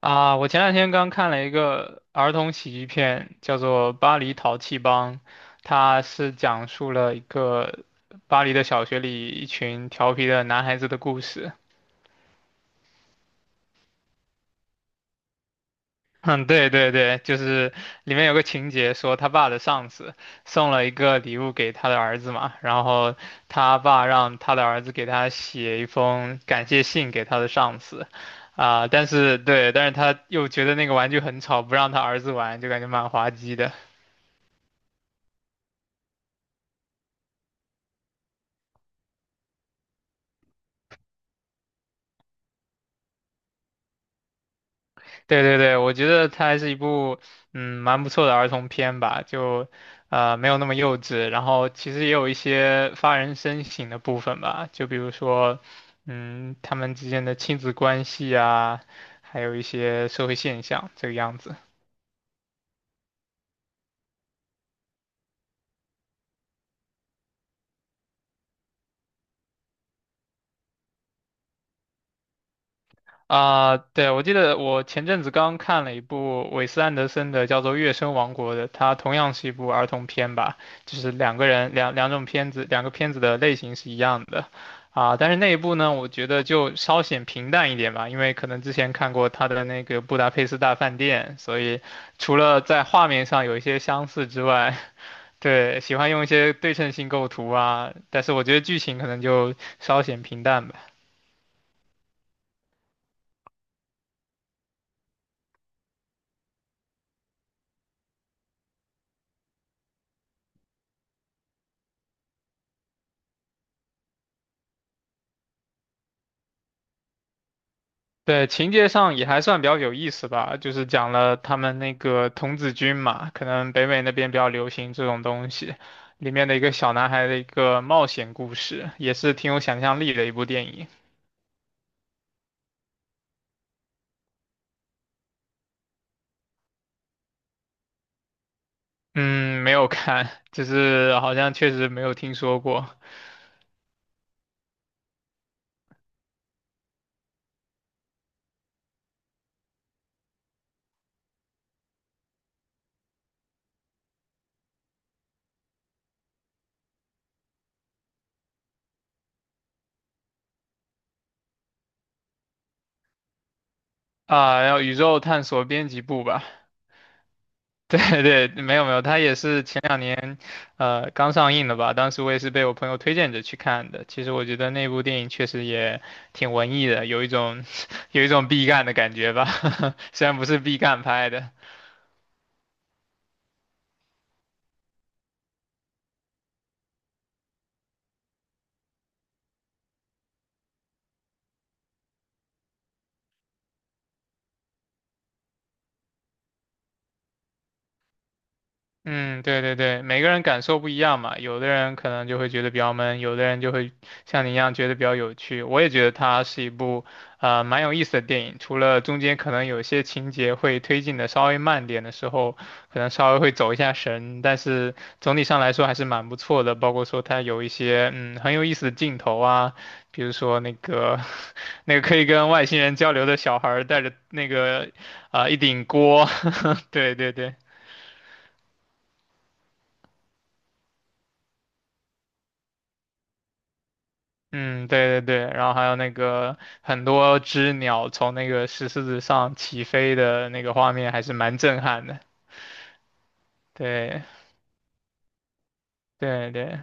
啊，我前两天刚看了一个儿童喜剧片，叫做《巴黎淘气帮》，它是讲述了一个巴黎的小学里一群调皮的男孩子的故事。嗯，对对对，就是里面有个情节说他爸的上司送了一个礼物给他的儿子嘛，然后他爸让他的儿子给他写一封感谢信给他的上司，但是对，但是他又觉得那个玩具很吵，不让他儿子玩，就感觉蛮滑稽的。对对对，我觉得它还是一部蛮不错的儿童片吧，就没有那么幼稚，然后其实也有一些发人深省的部分吧，就比如说他们之间的亲子关系啊，还有一些社会现象这个样子。啊，对，我记得我前阵子刚看了一部韦斯安德森的，叫做《月升王国》的，它同样是一部儿童片吧，就是两种片子，两个片子的类型是一样的，但是那一部呢，我觉得就稍显平淡一点吧，因为可能之前看过他的那个《布达佩斯大饭店》，所以除了在画面上有一些相似之外，对，喜欢用一些对称性构图啊，但是我觉得剧情可能就稍显平淡吧。对，情节上也还算比较有意思吧，就是讲了他们那个童子军嘛，可能北美那边比较流行这种东西，里面的一个小男孩的一个冒险故事，也是挺有想象力的一部电影。嗯，没有看，就是好像确实没有听说过啊，然后宇宙探索编辑部吧，对对，没有没有，它也是前两年，刚上映的吧。当时我也是被我朋友推荐着去看的。其实我觉得那部电影确实也挺文艺的，有一种 有一种毕赣的感觉吧，虽然不是毕赣拍的。嗯，对对对，每个人感受不一样嘛，有的人可能就会觉得比较闷，有的人就会像你一样觉得比较有趣。我也觉得它是一部蛮有意思的电影，除了中间可能有些情节会推进的稍微慢点的时候，可能稍微会走一下神，但是总体上来说还是蛮不错的。包括说它有一些很有意思的镜头啊，比如说那个 那个可以跟外星人交流的小孩儿带着那个一顶锅，对对对。嗯，对对对，然后还有那个很多只鸟从那个石狮子上起飞的那个画面，还是蛮震撼的。对对对，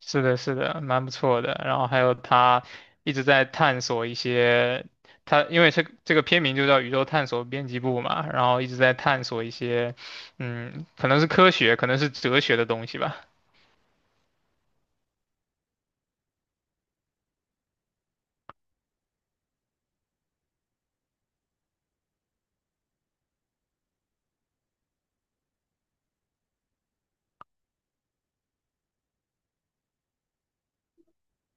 是的，是的，蛮不错的。然后还有他一直在探索一些，他因为这个片名就叫《宇宙探索编辑部》嘛，然后一直在探索一些，嗯，可能是科学，可能是哲学的东西吧。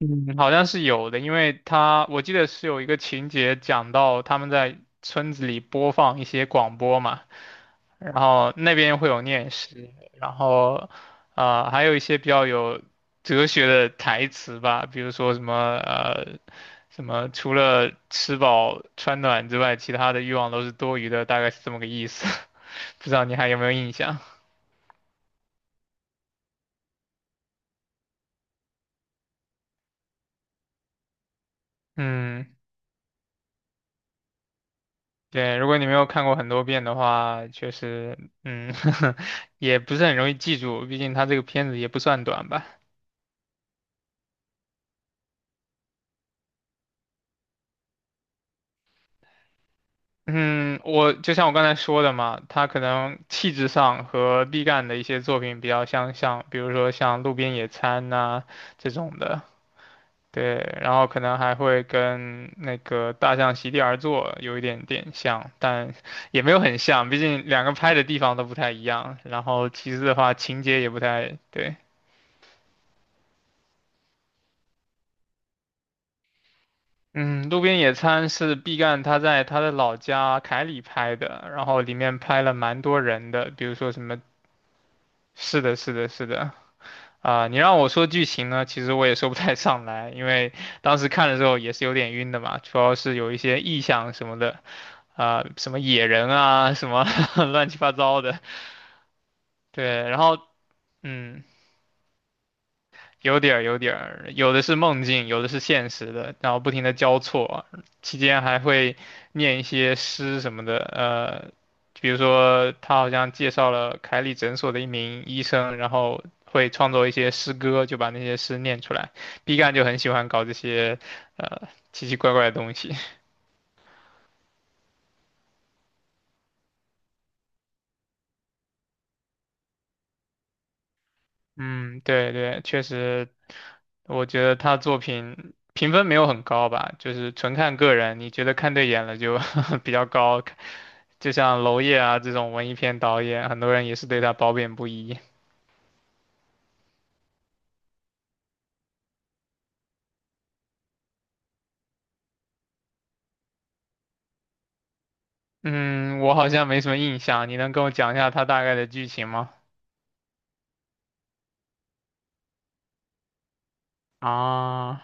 嗯，好像是有的，因为他我记得是有一个情节讲到他们在村子里播放一些广播嘛，然后那边会有念诗，然后还有一些比较有哲学的台词吧，比如说什么除了吃饱穿暖之外，其他的欲望都是多余的，大概是这么个意思，不知道你还有没有印象？嗯。对，如果你没有看过很多遍的话，确实，嗯，也不是很容易记住，毕竟它这个片子也不算短吧。嗯，我就像我刚才说的嘛，它可能气质上和毕赣的一些作品比较相像，比如说像《路边野餐》呐这种的，对，然后可能还会跟那个《大象席地而坐》有一点点像，但也没有很像，毕竟两个拍的地方都不太一样，然后其次的话，情节也不太对。嗯，路边野餐是毕赣他在他的老家凯里拍的，然后里面拍了蛮多人的，比如说什么，是的，是的，是的，你让我说剧情呢，其实我也说不太上来，因为当时看的时候也是有点晕的嘛，主要是有一些意象什么的，什么野人啊，什么 乱七八糟的，对，然后。嗯，有点儿，有的是梦境，有的是现实的，然后不停的交错，期间还会念一些诗什么的，比如说他好像介绍了凯里诊所的一名医生，然后会创作一些诗歌，就把那些诗念出来。B 站就很喜欢搞这些，奇奇怪怪的东西。嗯，对对，确实我觉得他作品评分没有很高吧，就是纯看个人，你觉得看对眼了就 比较高，就像娄烨啊这种文艺片导演，很多人也是对他褒贬不一。嗯，我好像没什么印象，你能跟我讲一下他大概的剧情吗？啊，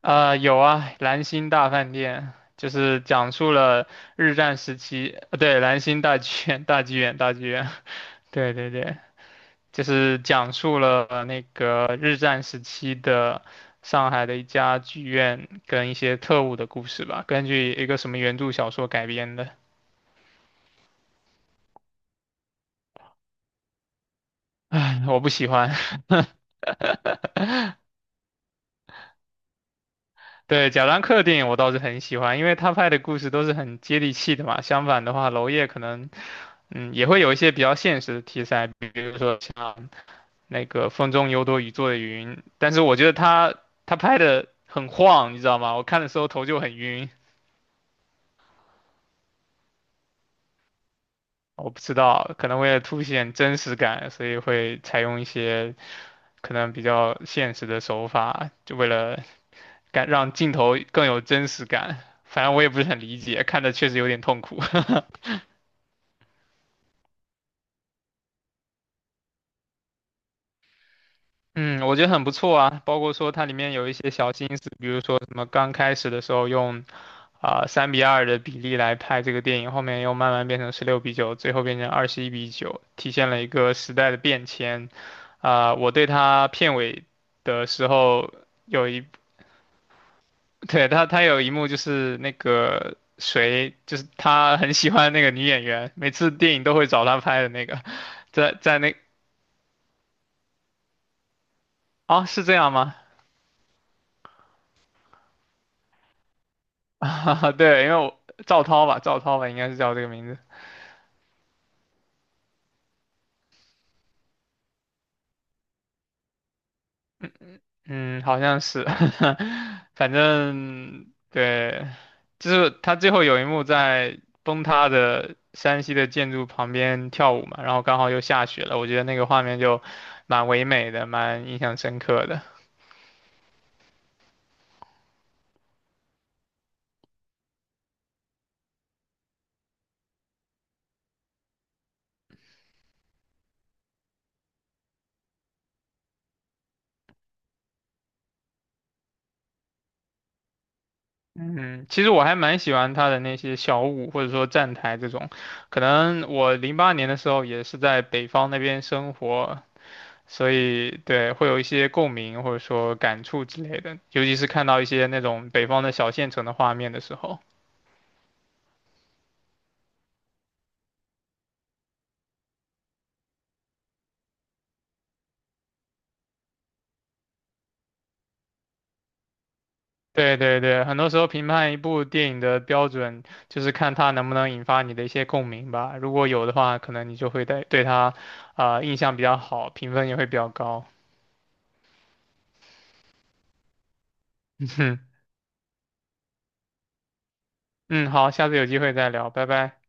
有啊，《蓝星大饭店》就是讲述了日战时期，对，蓝星大剧院，大剧院，大剧院，对对对，就是讲述了那个日战时期的上海的一家剧院跟一些特务的故事吧，根据一个什么原著小说改编的。唉，我不喜欢。对，贾樟柯的电影我倒是很喜欢，因为他拍的故事都是很接地气的嘛。相反的话，娄烨可能，也会有一些比较现实的题材，比如说像那个《风中有朵雨做的云》，但是我觉得他拍的很晃，你知道吗？我看的时候头就很晕。我不知道，可能为了凸显真实感，所以会采用一些可能比较现实的手法，就为了让镜头更有真实感。反正我也不是很理解，看着确实有点痛苦。嗯，我觉得很不错啊，包括说它里面有一些小心思，比如说什么刚开始的时候用3:2的比例来拍这个电影，后面又慢慢变成16:9，最后变成21:9，体现了一个时代的变迁。我对他片尾的时候有一，对他有一幕就是那个谁，就是他很喜欢那个女演员，每次电影都会找他拍的那个，在那是这样吗？对，因为我赵涛吧，应该是叫这个名字。嗯，好像是，反正对，就是他最后有一幕在崩塌的山西的建筑旁边跳舞嘛，然后刚好又下雪了，我觉得那个画面就蛮唯美的，蛮印象深刻的。嗯，其实我还蛮喜欢他的那些小舞或者说站台这种，可能我08年的时候也是在北方那边生活，所以对，会有一些共鸣或者说感触之类的，尤其是看到一些那种北方的小县城的画面的时候。对对对，很多时候评判一部电影的标准就是看它能不能引发你的一些共鸣吧。如果有的话，可能你就会对它，印象比较好，评分也会比较高。嗯，好，下次有机会再聊，拜拜。